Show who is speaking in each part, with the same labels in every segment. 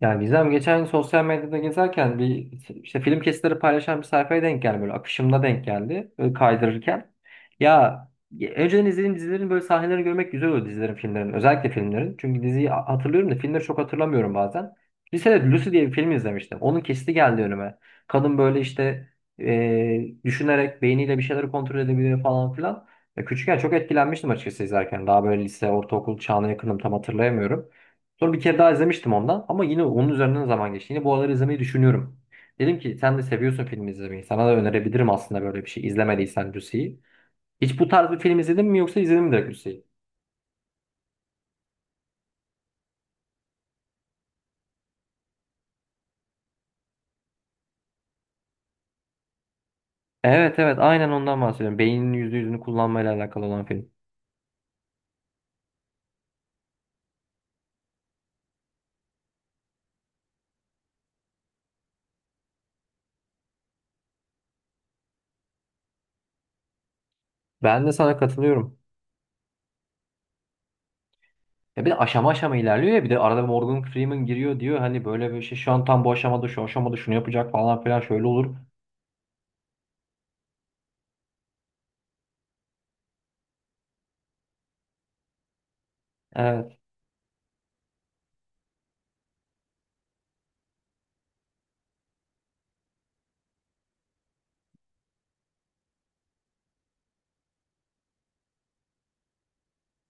Speaker 1: Ya Gizem geçen sosyal medyada gezerken bir işte film kesitleri paylaşan bir sayfaya denk geldi, böyle akışımda denk geldi böyle kaydırırken. Ya önceden izlediğim dizilerin böyle sahnelerini görmek güzel oluyor, dizilerin, filmlerin, özellikle filmlerin. Çünkü diziyi hatırlıyorum da filmleri çok hatırlamıyorum bazen. Lisede Lucy diye bir film izlemiştim. Onun kesiti geldi önüme. Kadın böyle işte düşünerek beyniyle bir şeyleri kontrol edebiliyor falan filan. Ya küçükken çok etkilenmiştim açıkçası izlerken. Daha böyle lise, ortaokul çağına yakınım, tam hatırlayamıyorum. Sonra bir kere daha izlemiştim ondan, ama yine onun üzerinden zaman geçti. Yine bu aralar izlemeyi düşünüyorum. Dedim ki sen de seviyorsun film izlemeyi. Sana da önerebilirim aslında böyle bir şey. İzlemediysen Lucy'yi. Hiç bu tarz bir film izledin mi, yoksa izledin mi direkt Lucy'yi? Evet, evet, aynen ondan bahsediyorum. Beyninin yüzde yüzünü kullanmayla alakalı olan film. Ben de sana katılıyorum. Ya bir de aşama aşama ilerliyor, ya bir de arada Morgan Freeman giriyor, diyor hani böyle bir şey, şu an tam bu aşamada şu aşamada şunu yapacak falan filan, şöyle olur. Evet.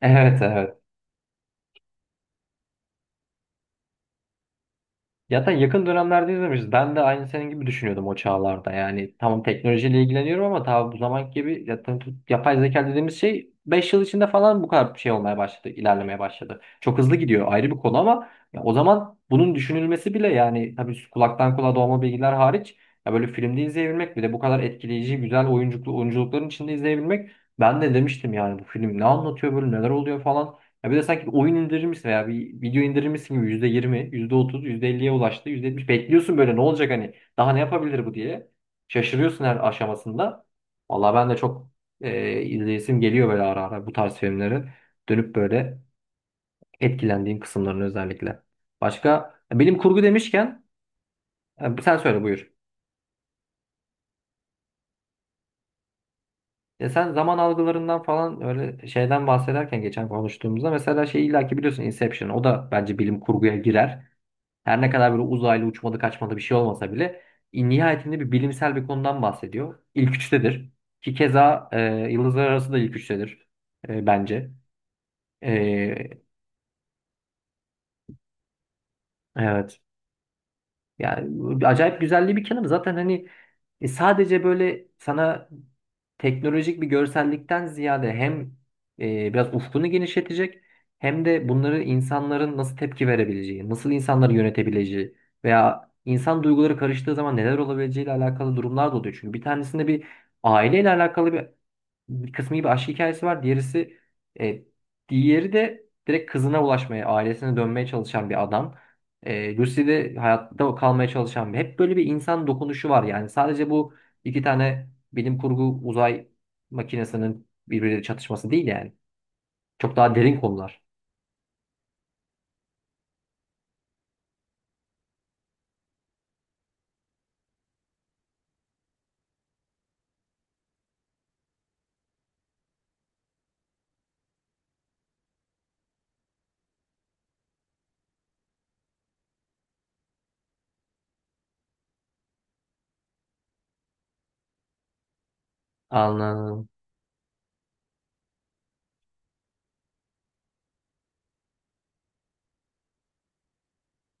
Speaker 1: Evet, evet. Zaten yakın dönemlerde izlemişiz. Ben de aynı senin gibi düşünüyordum o çağlarda. Yani tamam, teknolojiyle ilgileniyorum ama tabii bu zamanki gibi zaten yapay zeka dediğimiz şey 5 yıl içinde falan bu kadar bir şey olmaya başladı, ilerlemeye başladı. Çok hızlı gidiyor, ayrı bir konu ama ya o zaman bunun düşünülmesi bile, yani tabii kulaktan kulağa dolma bilgiler hariç, ya böyle filmde izleyebilmek, bir de bu kadar etkileyici, güzel oyunculuklu oyunculukların içinde izleyebilmek, ben de demiştim yani bu film ne anlatıyor böyle, neler oluyor falan. Ya bir de sanki bir oyun indirirmiş veya bir video indirirmişsin gibi, yüzde yirmi, yüzde otuz, yüzde elliye ulaştı, %70 bekliyorsun, böyle ne olacak, hani daha ne yapabilir bu diye. Şaşırıyorsun her aşamasında. Vallahi ben de çok izleyesim geliyor böyle ara ara bu tarz filmleri. Dönüp böyle etkilendiğim kısımlarını özellikle. Başka, bilim kurgu demişken, sen söyle buyur. Ya sen zaman algılarından falan öyle şeyden bahsederken, geçen konuştuğumuzda mesela, şey, illaki biliyorsun, Inception, o da bence bilim kurguya girer. Her ne kadar böyle uzaylı uçmadı kaçmadı bir şey olmasa bile nihayetinde bir bilimsel bir konudan bahsediyor. İlk üçtedir. Ki keza Yıldızlar Arası da ilk üçtedir bence. E, evet. Yani acayip güzelliği bir kenarı. Zaten hani sadece böyle sana teknolojik bir görsellikten ziyade, hem biraz ufkunu genişletecek, hem de bunları insanların nasıl tepki verebileceği, nasıl insanları yönetebileceği veya insan duyguları karıştığı zaman neler olabileceğiyle alakalı durumlar da oluyor. Çünkü bir tanesinde bir aileyle alakalı bir kısmı gibi aşk hikayesi var. Diğerisi, e, diğeri de direkt kızına ulaşmaya, ailesine dönmeye çalışan bir adam. Lucy de hayatta kalmaya çalışan bir. Hep böyle bir insan dokunuşu var yani. Sadece bu 2 tane bilim kurgu uzay makinesinin birbiriyle çatışması değil yani. Çok daha derin konular. Anladım.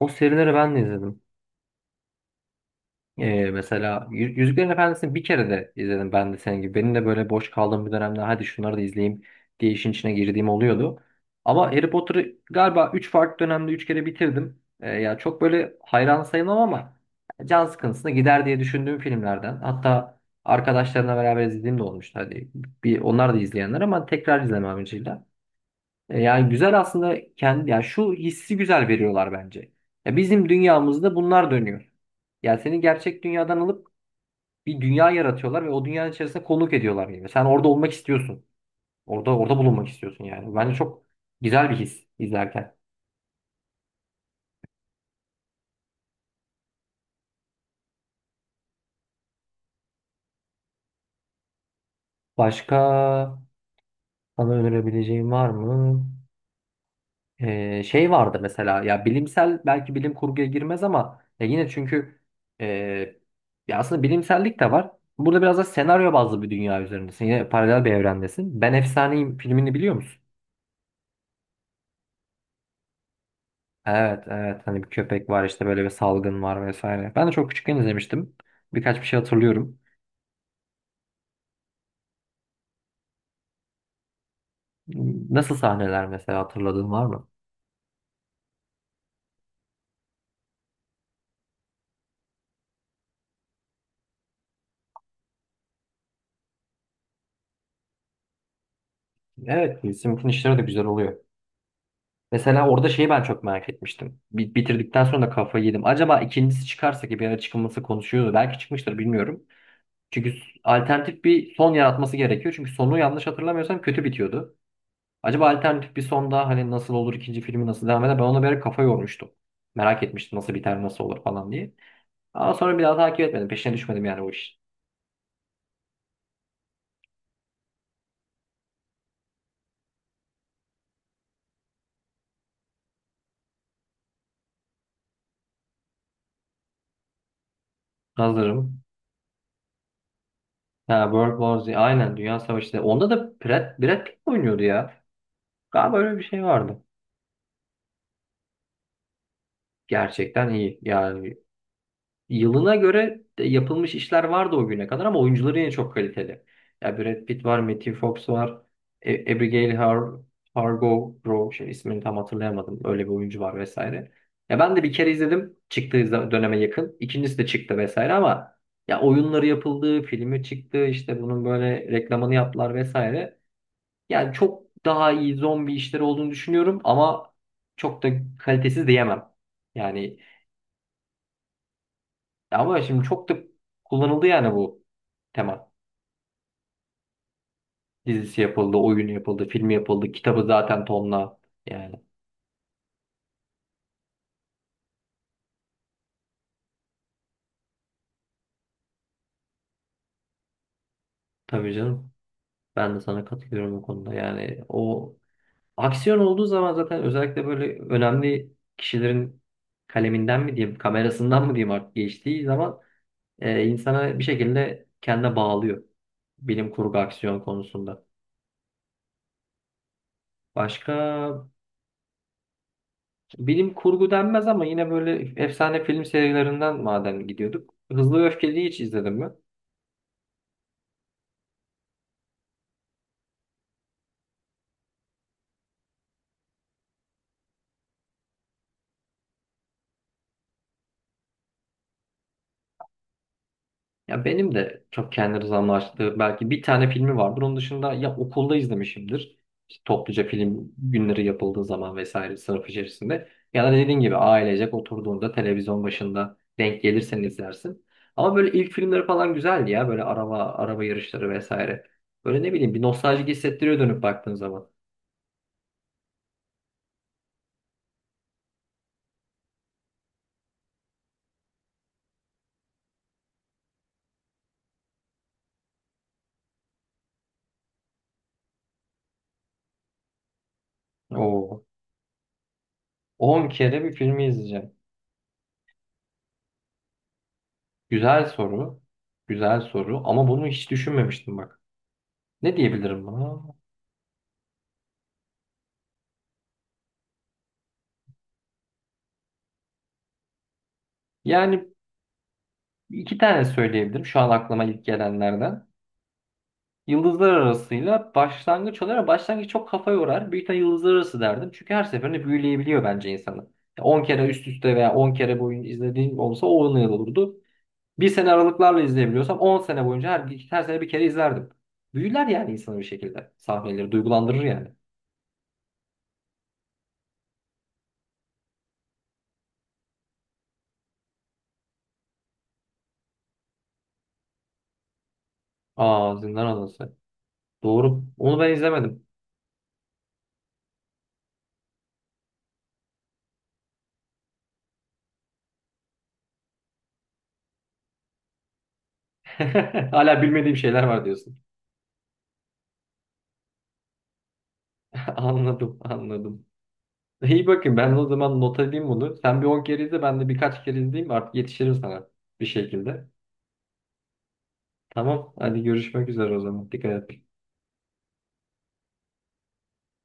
Speaker 1: O serileri ben de izledim. Mesela Yüzüklerin Efendisi'ni bir kere de izledim ben de senin gibi. Benim de böyle boş kaldığım bir dönemde hadi şunları da izleyeyim diye işin içine girdiğim oluyordu. Ama Harry Potter'ı galiba 3 farklı dönemde 3 kere bitirdim. Ya çok böyle hayran sayılmam ama can sıkıntısına gider diye düşündüğüm filmlerden. Hatta arkadaşlarımla beraber izlediğim de olmuştu. Hadi bir onlar da izleyenler ama tekrar izlemem amacıyla. Yani güzel aslında kendi, yani şu hissi güzel veriyorlar bence. Ya bizim dünyamızda bunlar dönüyor. Yani seni gerçek dünyadan alıp bir dünya yaratıyorlar ve o dünyanın içerisinde konuk ediyorlar gibi. Sen orada olmak istiyorsun. Orada bulunmak istiyorsun yani. Bence çok güzel bir his izlerken. Başka sana önerebileceğim var mı? Şey vardı mesela, ya bilimsel, belki bilim kurguya girmez ama ya yine, çünkü e, ya aslında bilimsellik de var. Burada biraz da senaryo bazlı bir dünya üzerindesin. Yine paralel bir evrendesin. Ben Efsaneyim filmini biliyor musun? Evet, evet, hani bir köpek var, işte böyle bir salgın var vesaire. Ben de çok küçükken izlemiştim. Birkaç bir şey hatırlıyorum. Nasıl sahneler mesela, hatırladığın var mı? Evet, Sim'in işleri de güzel oluyor. Mesela orada şeyi ben çok merak etmiştim. Bitirdikten sonra da kafayı yedim. Acaba ikincisi çıkarsa, ki bir ara çıkılması konuşuyordu, belki çıkmıştır, bilmiyorum. Çünkü alternatif bir son yaratması gerekiyor. Çünkü sonu yanlış hatırlamıyorsam kötü bitiyordu. Acaba alternatif bir sonda hani nasıl olur, ikinci filmi nasıl devam eder? Ben ona bir ara kafa yormuştum. Merak etmiştim nasıl biter, nasıl olur falan diye. Ama sonra bir daha takip etmedim. Peşine düşmedim yani o iş. Hazırım. Ha, World War Z. Aynen, Dünya Savaşı. Onda da Brad Pitt mi oynuyordu ya? Galiba öyle bir şey vardı. Gerçekten iyi. Yani yılına göre de yapılmış işler vardı o güne kadar, ama oyuncuları yine çok kaliteli. Ya Brad Pitt var, Matthew Fox var, Abigail Hargo Row, şey, ismini tam hatırlayamadım. Öyle bir oyuncu var vesaire. Ya ben de bir kere izledim. Çıktığı döneme yakın. İkincisi de çıktı vesaire, ama ya oyunları yapıldı, filmi çıktı, işte bunun böyle reklamını yaptılar vesaire. Yani çok daha iyi zombi işleri olduğunu düşünüyorum, ama çok da kalitesiz diyemem. Yani ama şimdi çok da kullanıldı yani bu tema. Dizisi yapıldı, oyunu yapıldı, filmi yapıldı, kitabı zaten tonla. Yani tabii canım. Ben de sana katılıyorum bu konuda. Yani o, aksiyon olduğu zaman zaten, özellikle böyle önemli kişilerin kaleminden mi diyeyim, kamerasından mı diyeyim artık, geçtiği zaman insana bir şekilde kendine bağlıyor. Bilim kurgu aksiyon konusunda. Başka, bilim kurgu denmez ama yine böyle efsane film serilerinden madem gidiyorduk, Hızlı ve Öfkeli'yi hiç izledim mi? Ya benim de çok kendi rızamla açtığı belki bir tane filmi vardır. Onun dışında ya okulda izlemişimdir. İşte topluca film günleri yapıldığı zaman vesaire, sınıf içerisinde. Ya da dediğin gibi ailecek oturduğunda televizyon başında denk gelirsen izlersin. Ama böyle ilk filmleri falan güzeldi ya. Böyle araba araba yarışları vesaire. Böyle ne bileyim, bir nostaljik hissettiriyor dönüp baktığın zaman. Oo. 10 kere bir filmi izleyeceğim. Güzel soru. Güzel soru. Ama bunu hiç düşünmemiştim bak. Ne diyebilirim buna? Yani 2 tane söyleyebilirim şu an aklıma ilk gelenlerden. Yıldızlar arasıyla başlangıç olarak, başlangıç çok kafa yorar. Büyük ihtimalle yıldızlar arası derdim. Çünkü her seferinde büyüleyebiliyor bence insanı. 10 kere üst üste veya 10 kere boyunca izlediğim olsa 10 yıl olurdu. Bir sene aralıklarla izleyebiliyorsam 10 sene boyunca her sene bir kere izlerdim. Büyüler yani insanı bir şekilde. Sahneleri duygulandırır yani. Aa, Zindan Adası. Doğru. Onu ben izlemedim. Hala bilmediğim şeyler var diyorsun. Anladım, anladım. İyi bakın, ben o zaman not edeyim bunu. Sen bir 10 kere izle, ben de birkaç kere izleyeyim, artık yetişirim sana bir şekilde. Tamam hadi görüşmek üzere o zaman. Dikkat et.